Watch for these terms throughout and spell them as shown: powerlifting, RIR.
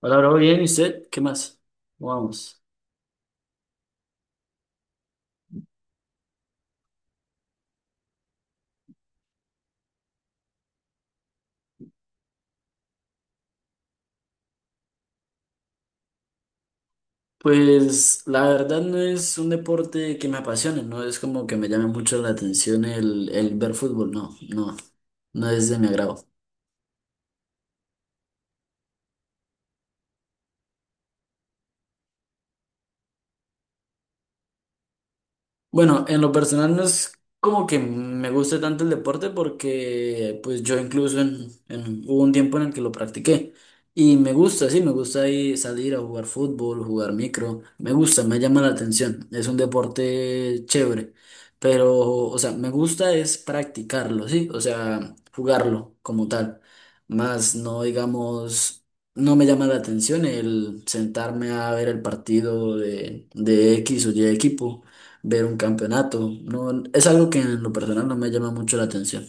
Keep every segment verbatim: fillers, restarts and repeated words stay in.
Hola, bro, bien, ¿y usted? ¿Qué más? ¿Cómo vamos? Pues la verdad no es un deporte que me apasione, no es como que me llame mucho la atención el, el ver fútbol, no, no, no es de mi agrado. Bueno, en lo personal no es como que me guste tanto el deporte porque pues yo incluso en, en- hubo un tiempo en el que lo practiqué y me gusta, sí, me gusta ahí salir a jugar fútbol, jugar micro, me gusta, me llama la atención, es un deporte chévere, pero o sea, me gusta es practicarlo, sí, o sea, jugarlo como tal, más no digamos, no me llama la atención el sentarme a ver el partido de, de X o Y equipo, ver un campeonato. No, es algo que en lo personal no me llama mucho la atención.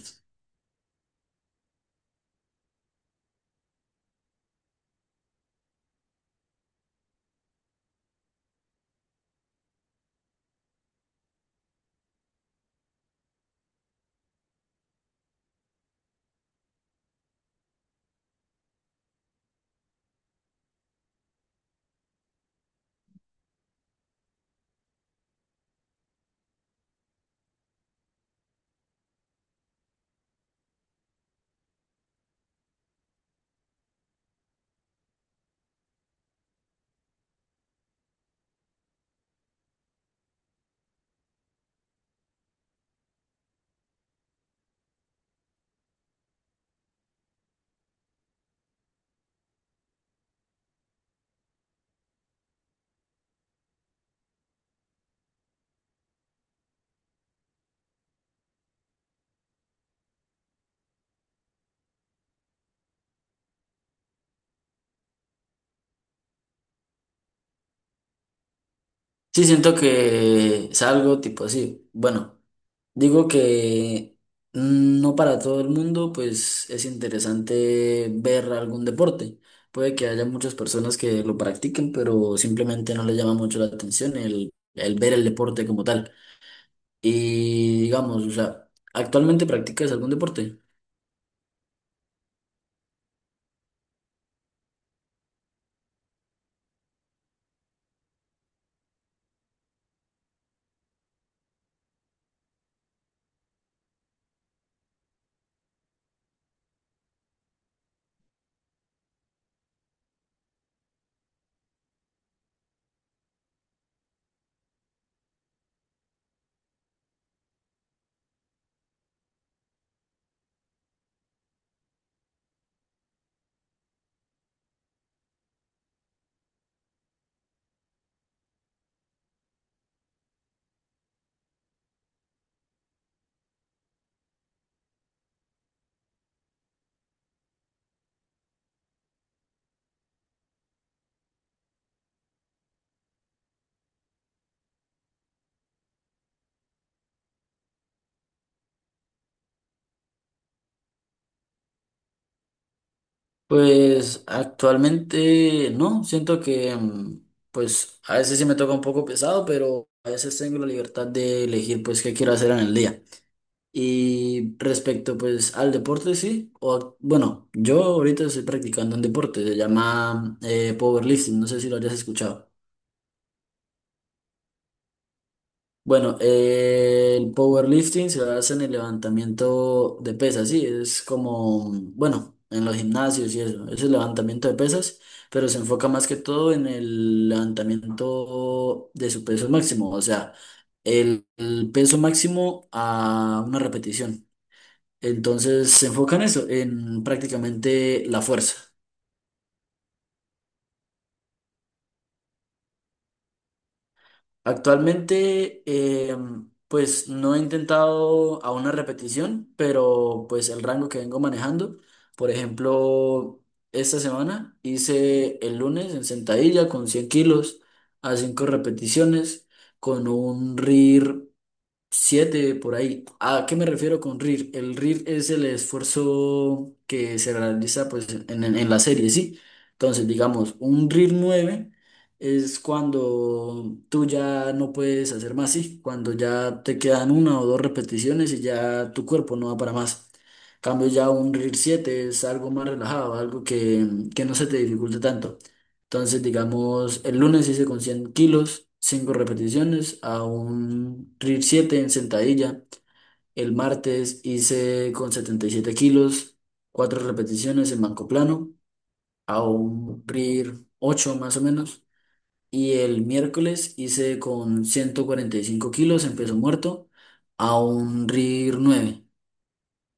Sí, siento que es algo tipo así. Bueno, digo que no para todo el mundo, pues es interesante ver algún deporte. Puede que haya muchas personas que lo practiquen, pero simplemente no les llama mucho la atención el, el ver el deporte como tal. Y digamos, o sea, ¿actualmente practicas algún deporte? Pues actualmente no, siento que mm, pues a veces sí me toca un poco pesado, pero a veces tengo la libertad de elegir pues qué quiero hacer en el día. Y respecto pues al deporte sí, o a- bueno, yo ahorita estoy practicando un deporte, se llama eh, powerlifting, no sé si lo hayas escuchado. Bueno, eh, el powerlifting se basa en el levantamiento de pesas, sí, es como, bueno, en los gimnasios y eso, es el levantamiento de pesas, pero se enfoca más que todo en el levantamiento de su peso máximo, o sea, el, el peso máximo a una repetición. Entonces se enfoca en eso, en prácticamente la fuerza. Actualmente, eh, pues no he intentado a una repetición, pero pues el rango que vengo manejando, por ejemplo, esta semana hice el lunes en sentadilla con cien kilos a cinco repeticiones con un R I R siete por ahí. ¿A qué me refiero con R I R? El R I R es el esfuerzo que se realiza pues, en, en- en la serie, ¿sí? Entonces, digamos, un R I R nueve es cuando tú ya no puedes hacer más, ¿sí? Cuando ya te quedan una o dos repeticiones y ya tu cuerpo no va para más. En cambio ya un R I R siete es algo más relajado, algo que, que no se te dificulte tanto. Entonces, digamos, el lunes hice con cien kilos, cinco repeticiones a un R I R siete en sentadilla. El martes hice con setenta y siete kilos, cuatro repeticiones en banco plano a un R I R ocho más o menos. Y el miércoles hice con ciento cuarenta y cinco kilos en peso muerto a un R I R nueve.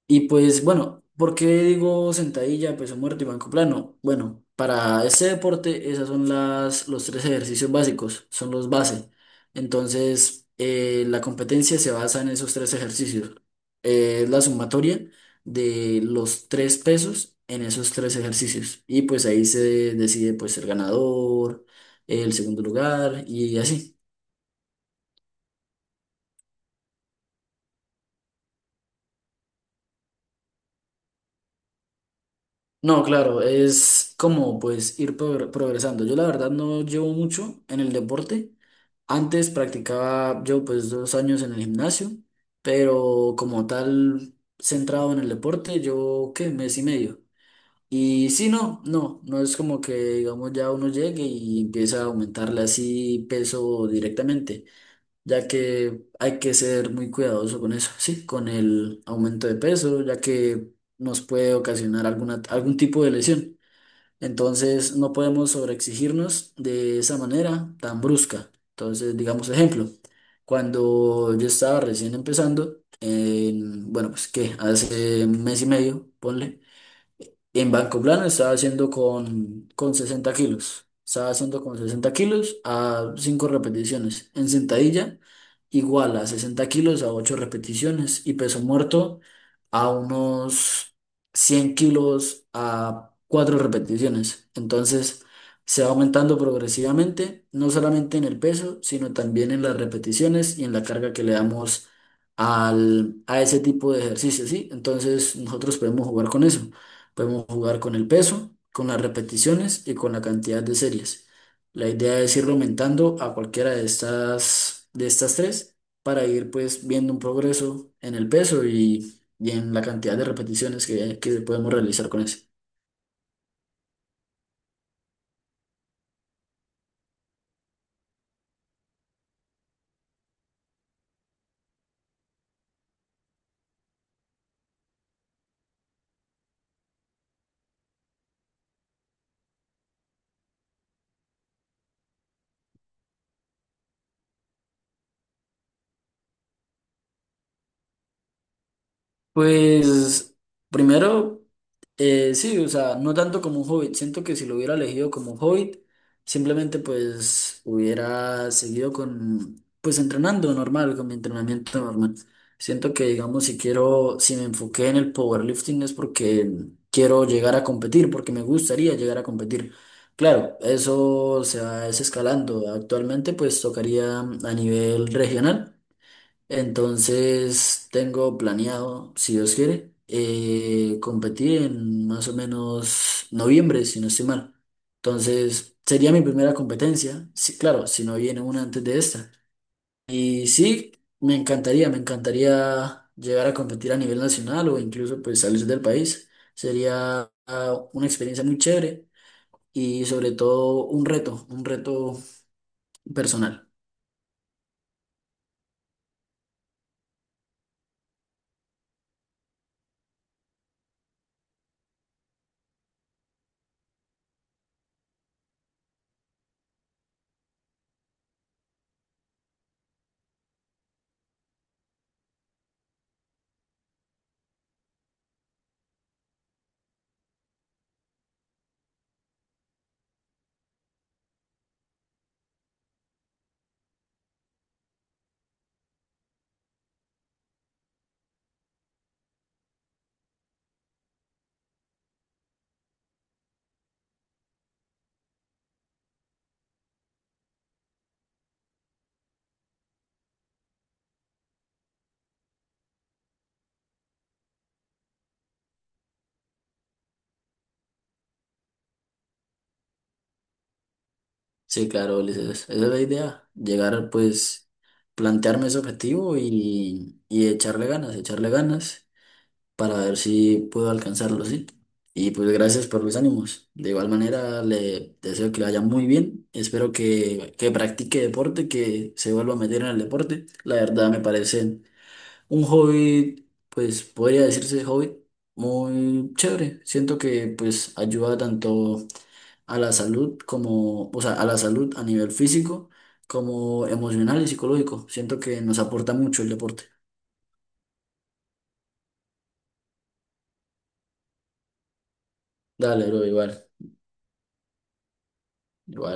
Y pues bueno, ¿por qué digo sentadilla, peso muerto y banco plano? Bueno, para este deporte esas son las, los tres ejercicios básicos, son los base. Entonces, eh, la competencia se basa en esos tres ejercicios. Eh, Es la sumatoria de los tres pesos en esos tres ejercicios. Y pues ahí se decide pues el ganador, el segundo lugar y así. No, claro, es como pues ir progr- progresando. Yo la verdad no llevo mucho en el deporte. Antes practicaba yo pues dos años en el gimnasio, pero como tal centrado en el deporte, yo qué, mes y medio. Y sí, no, no, no es como que digamos ya uno llegue y empieza a aumentarle así peso directamente ya que hay que ser muy cuidadoso con eso, sí, con el aumento de peso, ya que nos puede ocasionar alguna, algún tipo de lesión. Entonces, no podemos sobreexigirnos de esa manera tan brusca. Entonces, digamos ejemplo, cuando yo estaba recién empezando, en- bueno, pues que hace un mes y medio, ponle. En banco plano estaba haciendo con, con sesenta kilos. Estaba haciendo con sesenta kilos a cinco repeticiones. En sentadilla, igual a sesenta kilos a ocho repeticiones. Y peso muerto a unos cien kilos a cuatro repeticiones. Entonces, se va aumentando progresivamente, no solamente en el peso, sino también en las repeticiones y en la carga que le damos al, a ese tipo de ejercicio, ¿sí? Entonces, nosotros podemos jugar con eso. Podemos jugar con el peso, con las repeticiones y con la cantidad de series. La idea es ir aumentando a cualquiera de estas, de estas tres para ir pues viendo un progreso en el peso y, y en la cantidad de repeticiones que, que podemos realizar con eso. Pues primero, eh, sí, o sea, no tanto como un hobbit. Siento que si lo hubiera elegido como un hobbit, simplemente pues hubiera seguido con, pues entrenando normal, con mi entrenamiento normal. Siento que, digamos, si quiero, si me enfoqué en el powerlifting es porque quiero llegar a competir, porque me gustaría llegar a competir. Claro, eso se va es escalando. Actualmente pues tocaría a nivel regional. Entonces tengo planeado, si Dios quiere, eh, competir en más o menos noviembre, si no estoy mal. Entonces sería mi primera competencia, sí, claro, si no viene una antes de esta. Y sí, me encantaría, me encantaría llegar a competir a nivel nacional o incluso pues salir del país. Sería ah, una experiencia muy chévere y sobre todo un reto, un reto personal. Sí, claro, Ulises, esa es la idea, llegar pues plantearme ese objetivo y, y echarle ganas, echarle ganas para ver si puedo alcanzarlo, ¿sí? Y pues gracias por los ánimos. De igual manera, le deseo que le vaya muy bien, espero que, que practique deporte, que se vuelva a meter en el deporte. La verdad me parece un hobby, pues podría decirse hobby muy chévere. Siento que pues ayuda tanto a la salud como, o sea, a la salud a nivel físico como emocional y psicológico. Siento que nos aporta mucho el deporte. Dale, bro, igual, igual.